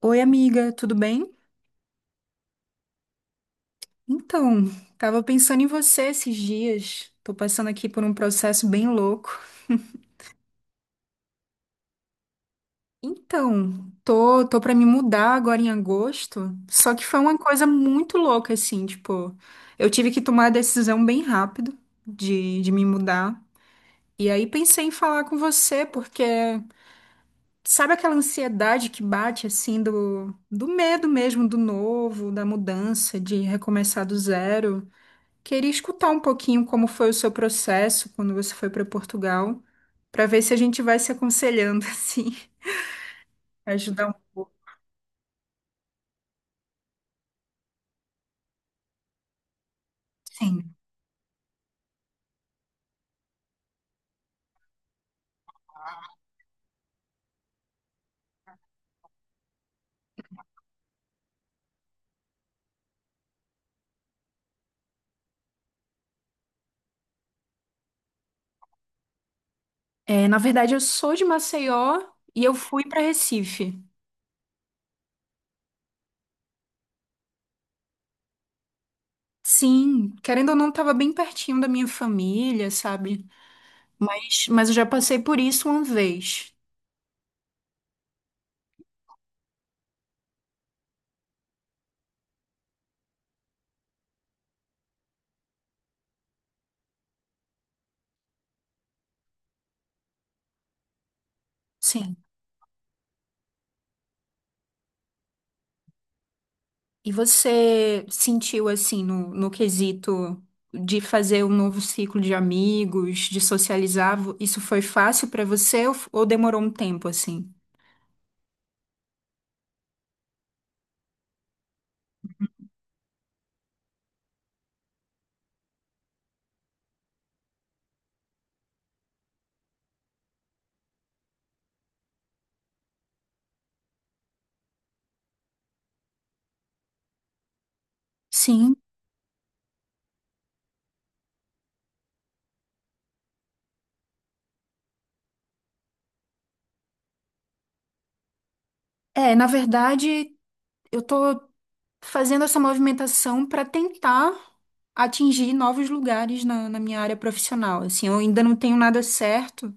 Oi, amiga, tudo bem? Então, Tava pensando em você esses dias. Tô passando aqui por um processo bem louco. Então, tô para me mudar agora em agosto, só que foi uma coisa muito louca assim, tipo, eu tive que tomar a decisão bem rápido de me mudar. E aí pensei em falar com você, porque sabe aquela ansiedade que bate assim do medo mesmo do novo, da mudança, de recomeçar do zero? Queria escutar um pouquinho como foi o seu processo quando você foi para Portugal, para ver se a gente vai se aconselhando assim, ajudar um. Sim. É, na verdade, eu sou de Maceió e eu fui para Recife. Sim, querendo ou não, estava bem pertinho da minha família, sabe? Mas eu já passei por isso uma vez. Sim. E você sentiu assim no quesito de fazer um novo ciclo de amigos, de socializar, isso foi fácil para você ou, ou demorou um tempo assim? Sim. É, na verdade, eu tô fazendo essa movimentação para tentar atingir novos lugares na minha área profissional. Assim, eu ainda não tenho nada certo,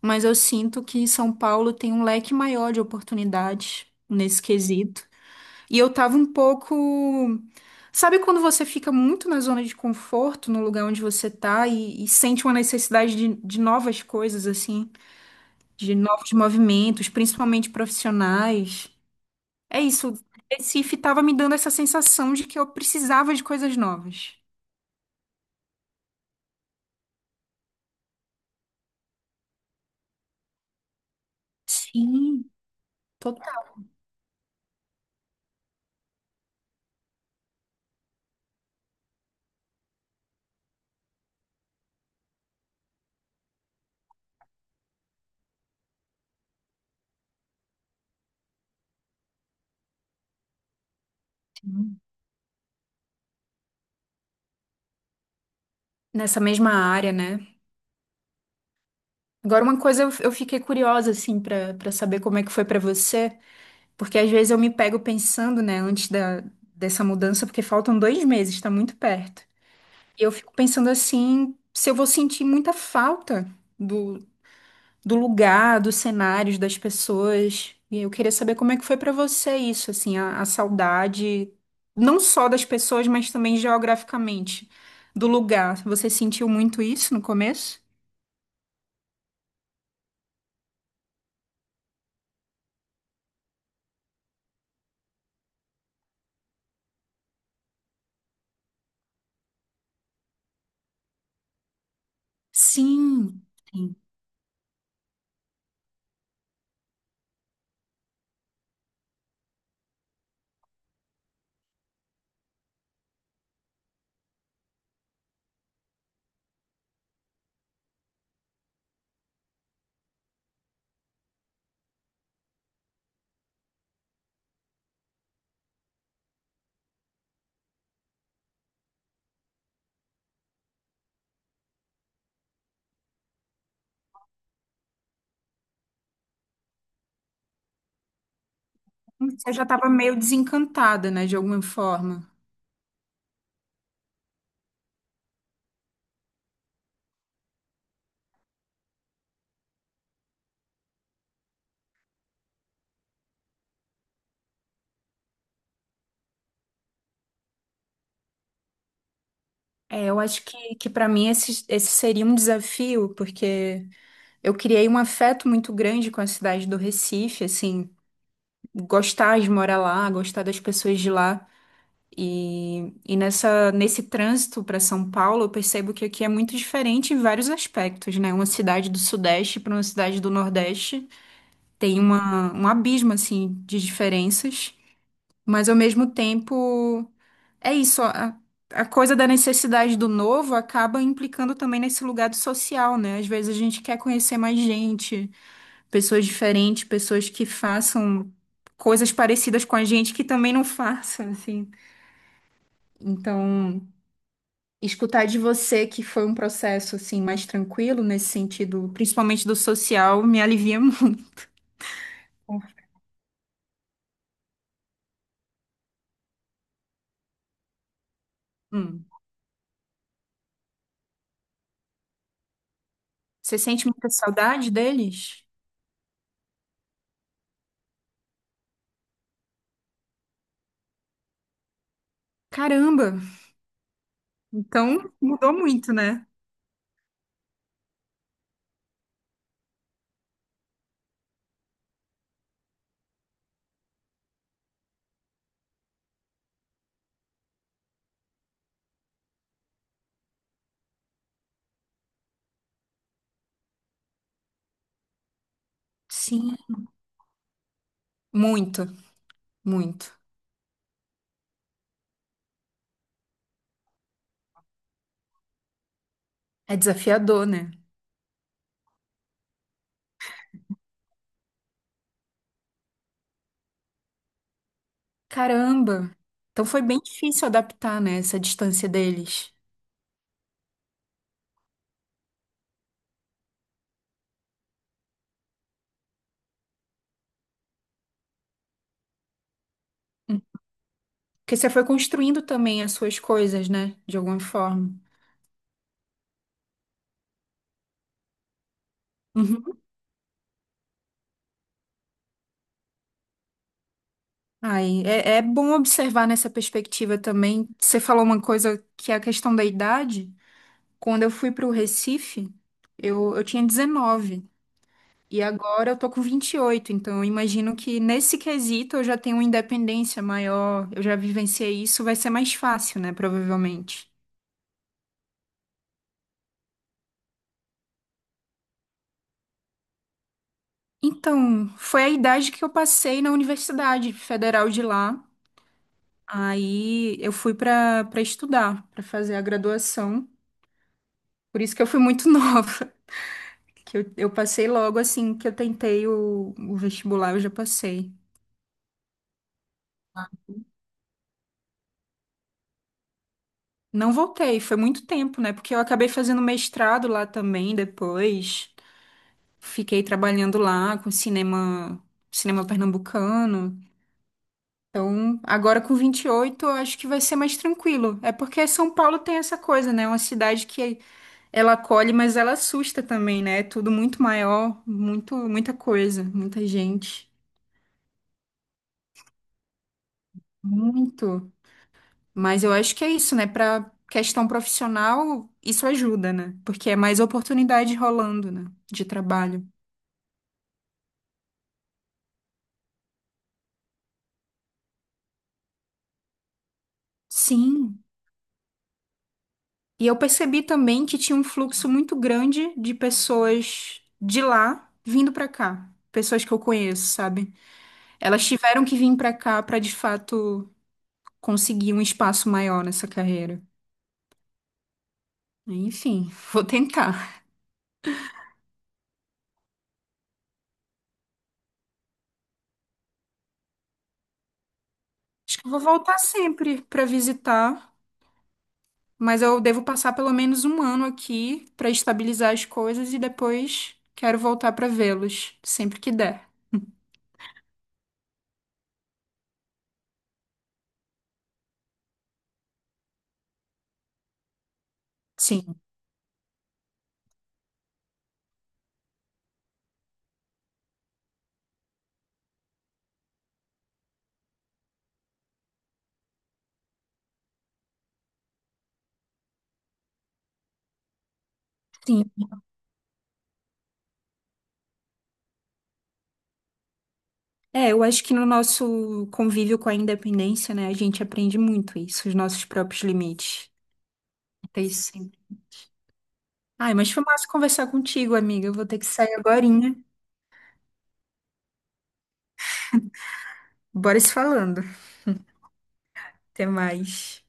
mas eu sinto que São Paulo tem um leque maior de oportunidades nesse quesito. E eu tava um pouco. Sabe quando você fica muito na zona de conforto, no lugar onde você tá, e sente uma necessidade de novas coisas, assim, de novos movimentos, principalmente profissionais? É isso. Recife tava me dando essa sensação de que eu precisava de coisas novas. Sim, total. Nessa mesma área, né? Agora, uma coisa eu fiquei curiosa, assim, pra para saber como é que foi pra você. Porque às vezes eu me pego pensando, né, antes dessa mudança, porque faltam dois meses, tá muito perto. E eu fico pensando assim, se eu vou sentir muita falta do, do lugar, dos cenários, das pessoas. E eu queria saber como é que foi pra você isso, assim, a saudade, não só das pessoas, mas também geograficamente, do lugar. Você sentiu muito isso no começo? Sim. Sim. Você já estava meio desencantada, né, de alguma forma. É, eu acho que para mim esse seria um desafio, porque eu criei um afeto muito grande com a cidade do Recife, assim, gostar de morar lá, gostar das pessoas de lá. E nesse trânsito para São Paulo, eu percebo que aqui é muito diferente em vários aspectos, né? Uma cidade do Sudeste para uma cidade do Nordeste tem um abismo, assim, de diferenças, mas ao mesmo tempo. É isso, a coisa da necessidade do novo acaba implicando também nesse lugar do social, né? Às vezes a gente quer conhecer mais gente, pessoas diferentes, pessoas que façam coisas parecidas com a gente que também não façam, assim. Então, escutar de você que foi um processo assim mais tranquilo nesse sentido, principalmente do social, me alivia muito. Hum. Você sente muita saudade deles? Caramba, então mudou muito, né? Sim, muito, muito. É desafiador, né? Caramba! Então foi bem difícil adaptar, né, essa distância deles. Hum. Porque você foi construindo também as suas coisas, né? De alguma forma. Uhum. Aí, é bom observar nessa perspectiva também. Você falou uma coisa que é a questão da idade. Quando eu fui para o Recife, eu tinha 19. E agora eu tô com 28. Então, eu imagino que nesse quesito eu já tenho uma independência maior. Eu já vivenciei isso, vai ser mais fácil, né? Provavelmente. Então, foi a idade que eu passei na Universidade Federal de lá. Aí eu fui para estudar, para fazer a graduação. Por isso que eu fui muito nova, que eu passei logo assim que eu tentei o vestibular, eu já passei. Não voltei, foi muito tempo, né? Porque eu acabei fazendo mestrado lá também depois. Fiquei trabalhando lá com cinema, cinema pernambucano. Então, agora com 28, eu acho que vai ser mais tranquilo. É porque São Paulo tem essa coisa, né? É uma cidade que ela acolhe, mas ela assusta também, né? É tudo muito maior, muito, muita coisa, muita gente. Muito. Mas eu acho que é isso, né? Para questão profissional, isso ajuda, né? Porque é mais oportunidade rolando, né? De trabalho. Sim. E eu percebi também que tinha um fluxo muito grande de pessoas de lá vindo pra cá. Pessoas que eu conheço, sabe? Elas tiveram que vir pra cá pra de fato conseguir um espaço maior nessa carreira. Enfim, vou tentar. Acho que eu vou voltar sempre pra visitar, mas eu devo passar pelo menos um ano aqui pra estabilizar as coisas e depois quero voltar pra vê-los sempre que der. Sim, sim. É, eu acho que no nosso convívio com a independência, né, a gente aprende muito isso, os nossos próprios limites. Então, isso sempre. Ai, mas foi massa conversar contigo, amiga. Eu vou ter que sair agora. Bora se falando. Até mais.